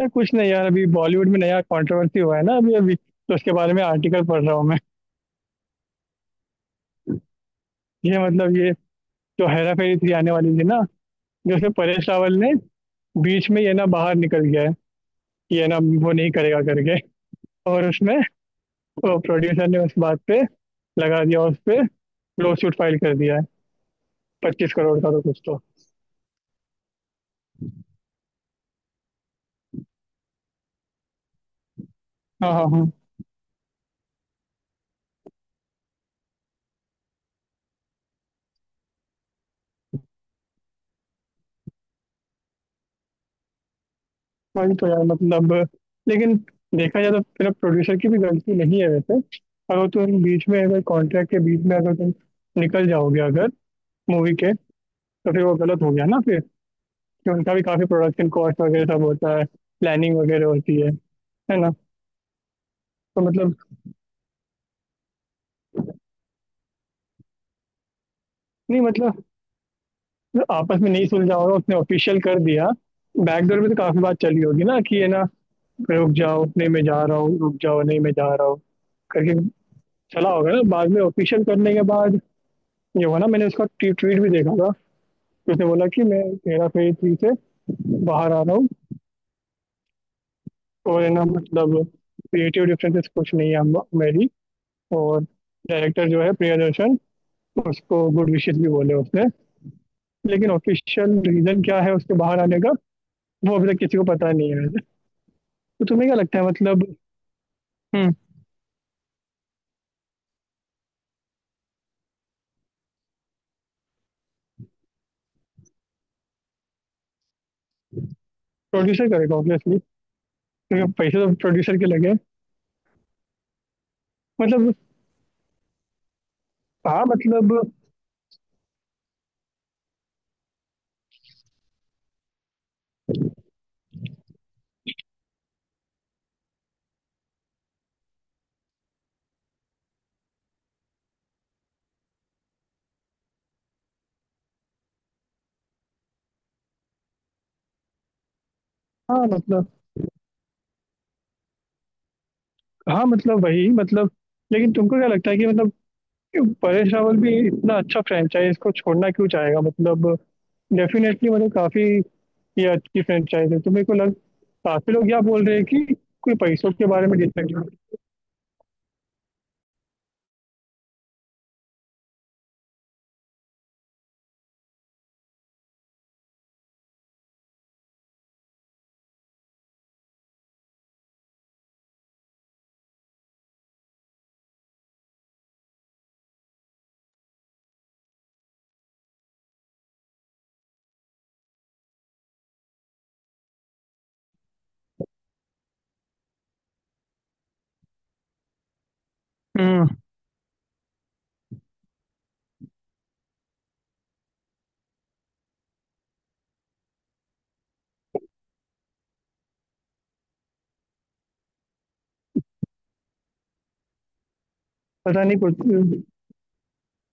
यार कुछ नहीं यार, अभी बॉलीवुड में नया कंट्रोवर्सी हुआ है ना। अभी अभी तो उसके बारे में आर्टिकल पढ़ रहा हूँ मैं। ये जो हेरा फेरी थ्री आने वाली थी ना, जैसे परेश रावल ने बीच में ये ना बाहर निकल गया है कि ये ना वो नहीं करेगा करके, और उसमें वो प्रोड्यूसर ने उस बात पे लगा दिया, उस पे लॉसूट फाइल कर दिया है 25 करोड़ का, तो कुछ तो। हाँ हाँ हाँ। वही तो यार, मतलब लेकिन देखा जाए तो फिर प्रोड्यूसर की भी गलती नहीं है वैसे। अगर तुम बीच में, अगर कॉन्ट्रैक्ट के बीच में, अगर तुम निकल जाओगे अगर मूवी के, तो फिर वो गलत हो गया ना फिर। कि उनका भी काफी प्रोडक्शन कॉस्ट वगैरह सब होता है, प्लानिंग वगैरह होती है ना। तो मतलब, नहीं मतलब आपस में नहीं सुलझा होगा, उसने ऑफिशियल कर दिया। बैकडोर में तो काफी बात चली होगी ना कि ये ना रुक जाओ, नहीं मैं जा रहा हूँ, रुक जाओ, नहीं मैं जा रहा हूँ, करके चला होगा ना, बाद में ऑफिशियल करने के बाद ये हुआ ना। मैंने उसका ट्वीट भी देखा था। उसने बोला कि मैं हेरा फेरी थ्री से बाहर आ रहा हूँ, और है ना मतलब क्रिएटिव डिफरेंसेस कुछ नहीं है मेरी। और डायरेक्टर जो है प्रियदर्शन, उसको गुड विशेस भी बोले उसने। लेकिन ऑफिशियल रीजन क्या है उसके बाहर आने का, वो अभी तक किसी को पता नहीं है। तो तुम्हें क्या लगता है मतलब? प्रोड्यूसर करेगा ऑब्वियसली, क्योंकि पैसे तो प्रोड्यूसर के लगे। मतलब। हाँ मतलब, हाँ मतलब, हाँ मतलब वही मतलब, लेकिन तुमको क्या लगता है कि मतलब परेश रावल भी इतना अच्छा फ्रेंचाइज को छोड़ना क्यों चाहेगा? मतलब डेफिनेटली मतलब काफी, ये अच्छी फ्रेंचाइज है तो मेरे को लग, काफी लोग क्या बोल रहे हैं कि कोई पैसों के बारे में डिसाइड। हम्म। पता नहीं कुछ,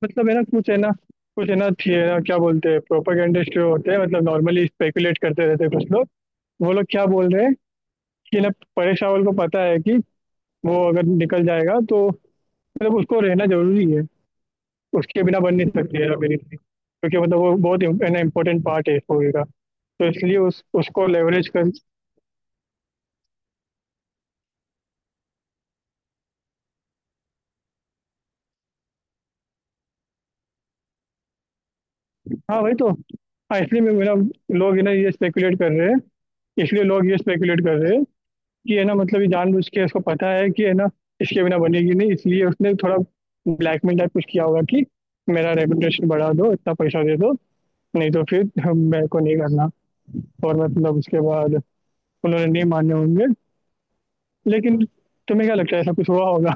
मतलब है ना कुछ, है ना कुछ, है ना थी है ना, क्या बोलते हैं प्रोपागेंडिस्ट जो होते हैं, मतलब नॉर्मली स्पेकुलेट करते रहते हैं कुछ लोग। वो लोग क्या बोल रहे हैं कि ना परेश रावल को पता है कि वो अगर निकल जाएगा तो, मतलब उसको रहना जरूरी है, उसके बिना बन नहीं सकती हेरा फेरी थ्री, क्योंकि मतलब वो बहुत इम्पोर्टेंट पार्ट है इस मूवी का। तो इसलिए उस उसको लेवरेज कर, हाँ वही तो। हाँ इसलिए मैं मेरा, लोग है ना ये स्पेकुलेट कर रहे हैं, इसलिए लोग ये स्पेकुलेट कर रहे हैं कि है ना मतलब ये जानबूझ के उसको पता है कि है ना इसके बिना बनेगी नहीं, इसलिए उसने थोड़ा ब्लैकमेल टाइप कुछ किया होगा कि मेरा रेपुटेशन बढ़ा दो, इतना पैसा दे दो, नहीं तो फिर मेरे को नहीं करना। और मतलब उसके बाद उन्होंने नहीं माने होंगे, लेकिन तुम्हें क्या लगता है, ऐसा कुछ हुआ होगा?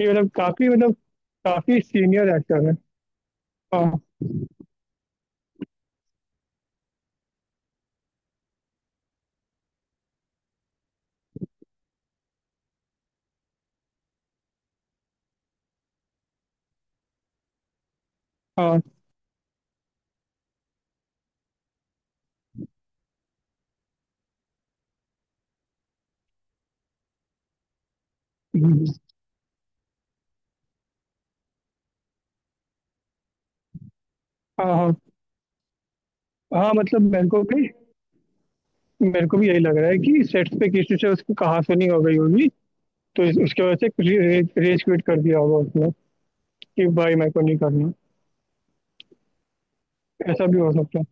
ये मतलब काफ़ी सीनियर एक्टर है। हाँ, हाँ। हुँ, हाँ, हाँ। हाँ, मतलब मेरे को भी यही लग रहा है कि सेट्स पे किसी से उसकी कहासुनी हो गई होगी, तो इस उसकी वजह से रे रेज रेज क्विट कर दिया होगा उसने कि भाई मेरे को नहीं करना, ऐसा भी हो सकता है।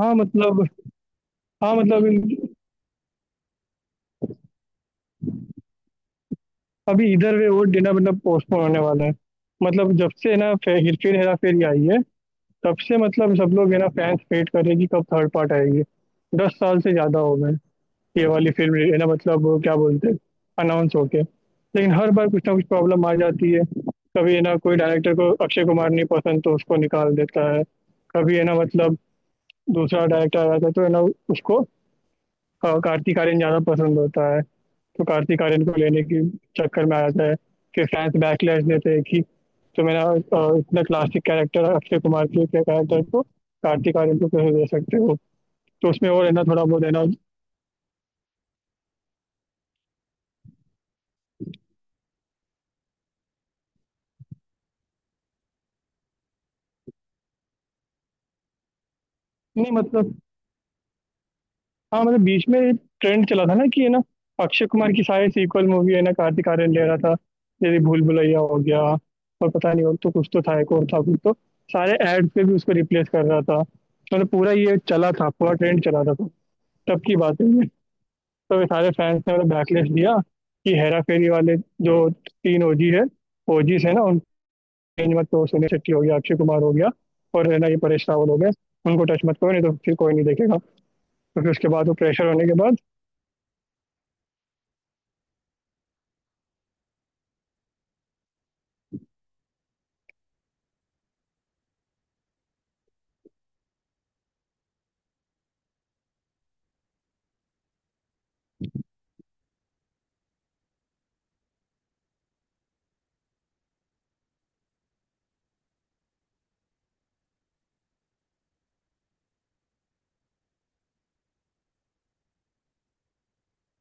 हाँ, मतलब, हाँ, मतलब इन अभी इधर वे वो डिनर मतलब पोस्टपोन होने वाला है। मतलब जब से ना फे हे फिर हेरा फेरी आई है, तब से मतलब सब लोग है ना फैन्स वेट कर रहे हैं कि कब थर्ड पार्ट आएगी। 10 साल से ज़्यादा हो गए। ये वाली फिल्म है ना मतलब वो क्या बोलते हैं अनाउंस होके, लेकिन हर बार कुछ ना कुछ प्रॉब्लम आ जाती है। कभी है ना कोई डायरेक्टर को अक्षय कुमार नहीं पसंद तो उसको निकाल देता है। कभी है ना मतलब दूसरा डायरेक्टर आ जाता है तो है ना उसको, अ, कार्तिक आर्यन ज़्यादा पसंद होता है, तो कार्तिक आर्यन को लेने के चक्कर में आ जाता है। फिर फैंस बैकलैश देते हैं कि तो मेरा अ, इतना क्लासिक कैरेक्टर अक्षय कुमार के कैरेक्टर को कार्तिक आर्यन को कैसे दे सकते हो? तो उसमें और है ना थोड़ा बहुत है ना। नहीं मतलब हाँ मतलब बीच में ट्रेंड चला था ना कि है ना अक्षय कुमार की सारी सीक्वल मूवी है ना कार्तिक आर्यन ले रहा था। जैसे भूल भुलैया हो गया, और पता नहीं, और तो कुछ तो था एक और था कुछ तो, सारे एड पे भी उसको रिप्लेस कर रहा था, मतलब पूरा ये चला था, पूरा ट्रेंड चला था तो तब की बात है ये। तो ये सारे फैंस ने मतलब बैकलैश दिया कि हेरा फेरी वाले जो 3 ओजी है, ओजीज है ना उन रेंज मत करो, सुनील शेट्टी हो गया, अक्षय कुमार हो गया, और है ना ये परेश रावल हो गया, उनको टच मत करो, नहीं तो फिर कोई नहीं देखेगा। तो फिर उसके बाद वो प्रेशर होने के बाद,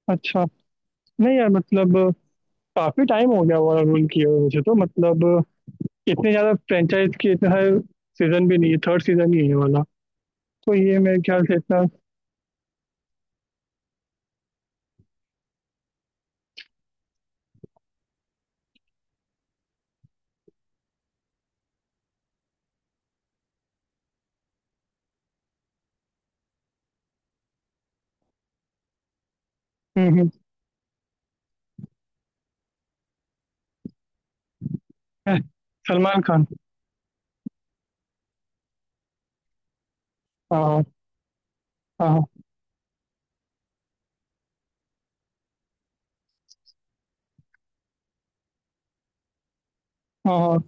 अच्छा। नहीं यार मतलब काफी टाइम हो गया ओवरऑल किए हुए, मुझे तो मतलब इतने ज्यादा फ्रेंचाइज के इतने सारे सीजन भी नहीं है, थर्ड सीजन ही है ये वाला, तो ये मेरे ख्याल से इतना। हम्म हम्म, है, सलमान खान। हाँ, हाँ, हाँ, हाँ, हाँ।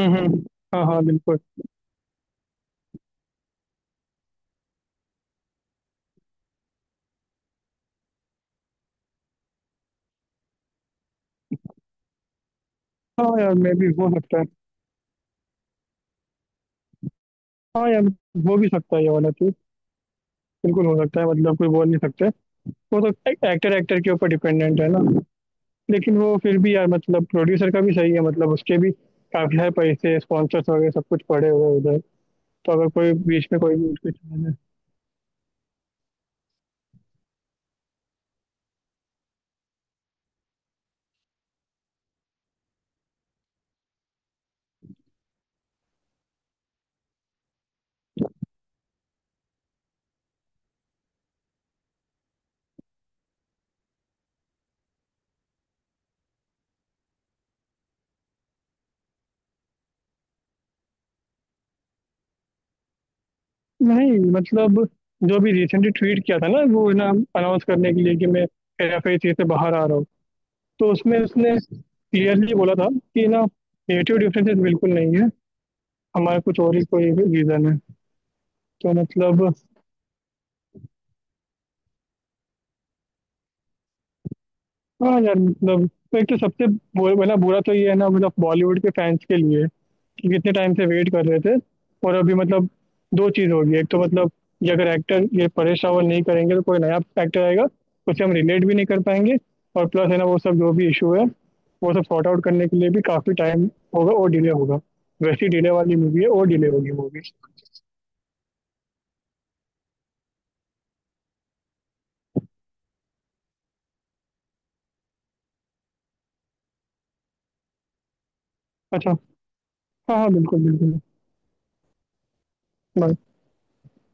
हम्म हम्म, हाँ हाँ बिल्कुल। हाँ यार मे भी हो सकता है। हाँ यार, हो भी सकता है ये वाला चीज, बिल्कुल हो सकता है, मतलब कोई बोल नहीं सकता वो तो। एक्टर एक्टर के ऊपर डिपेंडेंट है ना। लेकिन वो फिर भी यार मतलब प्रोड्यूसर का भी सही है, मतलब उसके भी काफी सारे पैसे स्पॉन्सर्स वगैरह सब कुछ पड़े हुए हैं उधर, तो अगर कोई बीच में कोई भी उठ के चला जाए। नहीं मतलब जो अभी रिसेंटली ट्वीट किया था ना वो ना अनाउंस करने के लिए कि मैं हेराफेरी से बाहर आ रहा हूँ, तो उसमें उसने क्लियरली बोला था कि ना नेटिव डिफरेंसेस बिल्कुल नहीं है, हमारा कुछ और ही कोई रीज़न है तो मतलब। हाँ यार मतलब एक तो सबसे बु- मतलब बुरा तो ये है ना मतलब बॉलीवुड के फैंस के लिए कि कितने टाइम से वेट कर रहे थे। और अभी मतलब दो चीज़ होगी, एक तो मतलब ये अगर एक्टर ये परेश रावल नहीं करेंगे तो कोई नया एक्टर आएगा, उससे हम रिलेट भी नहीं कर पाएंगे, और प्लस है ना वो सब जो भी इशू है वो सब सॉर्ट आउट करने के लिए भी काफ़ी टाइम होगा और डिले होगा। वैसी डिले वाली मूवी है और डिले होगी मूवी। अच्छा, हाँ हाँ बिल्कुल बिल्कुल।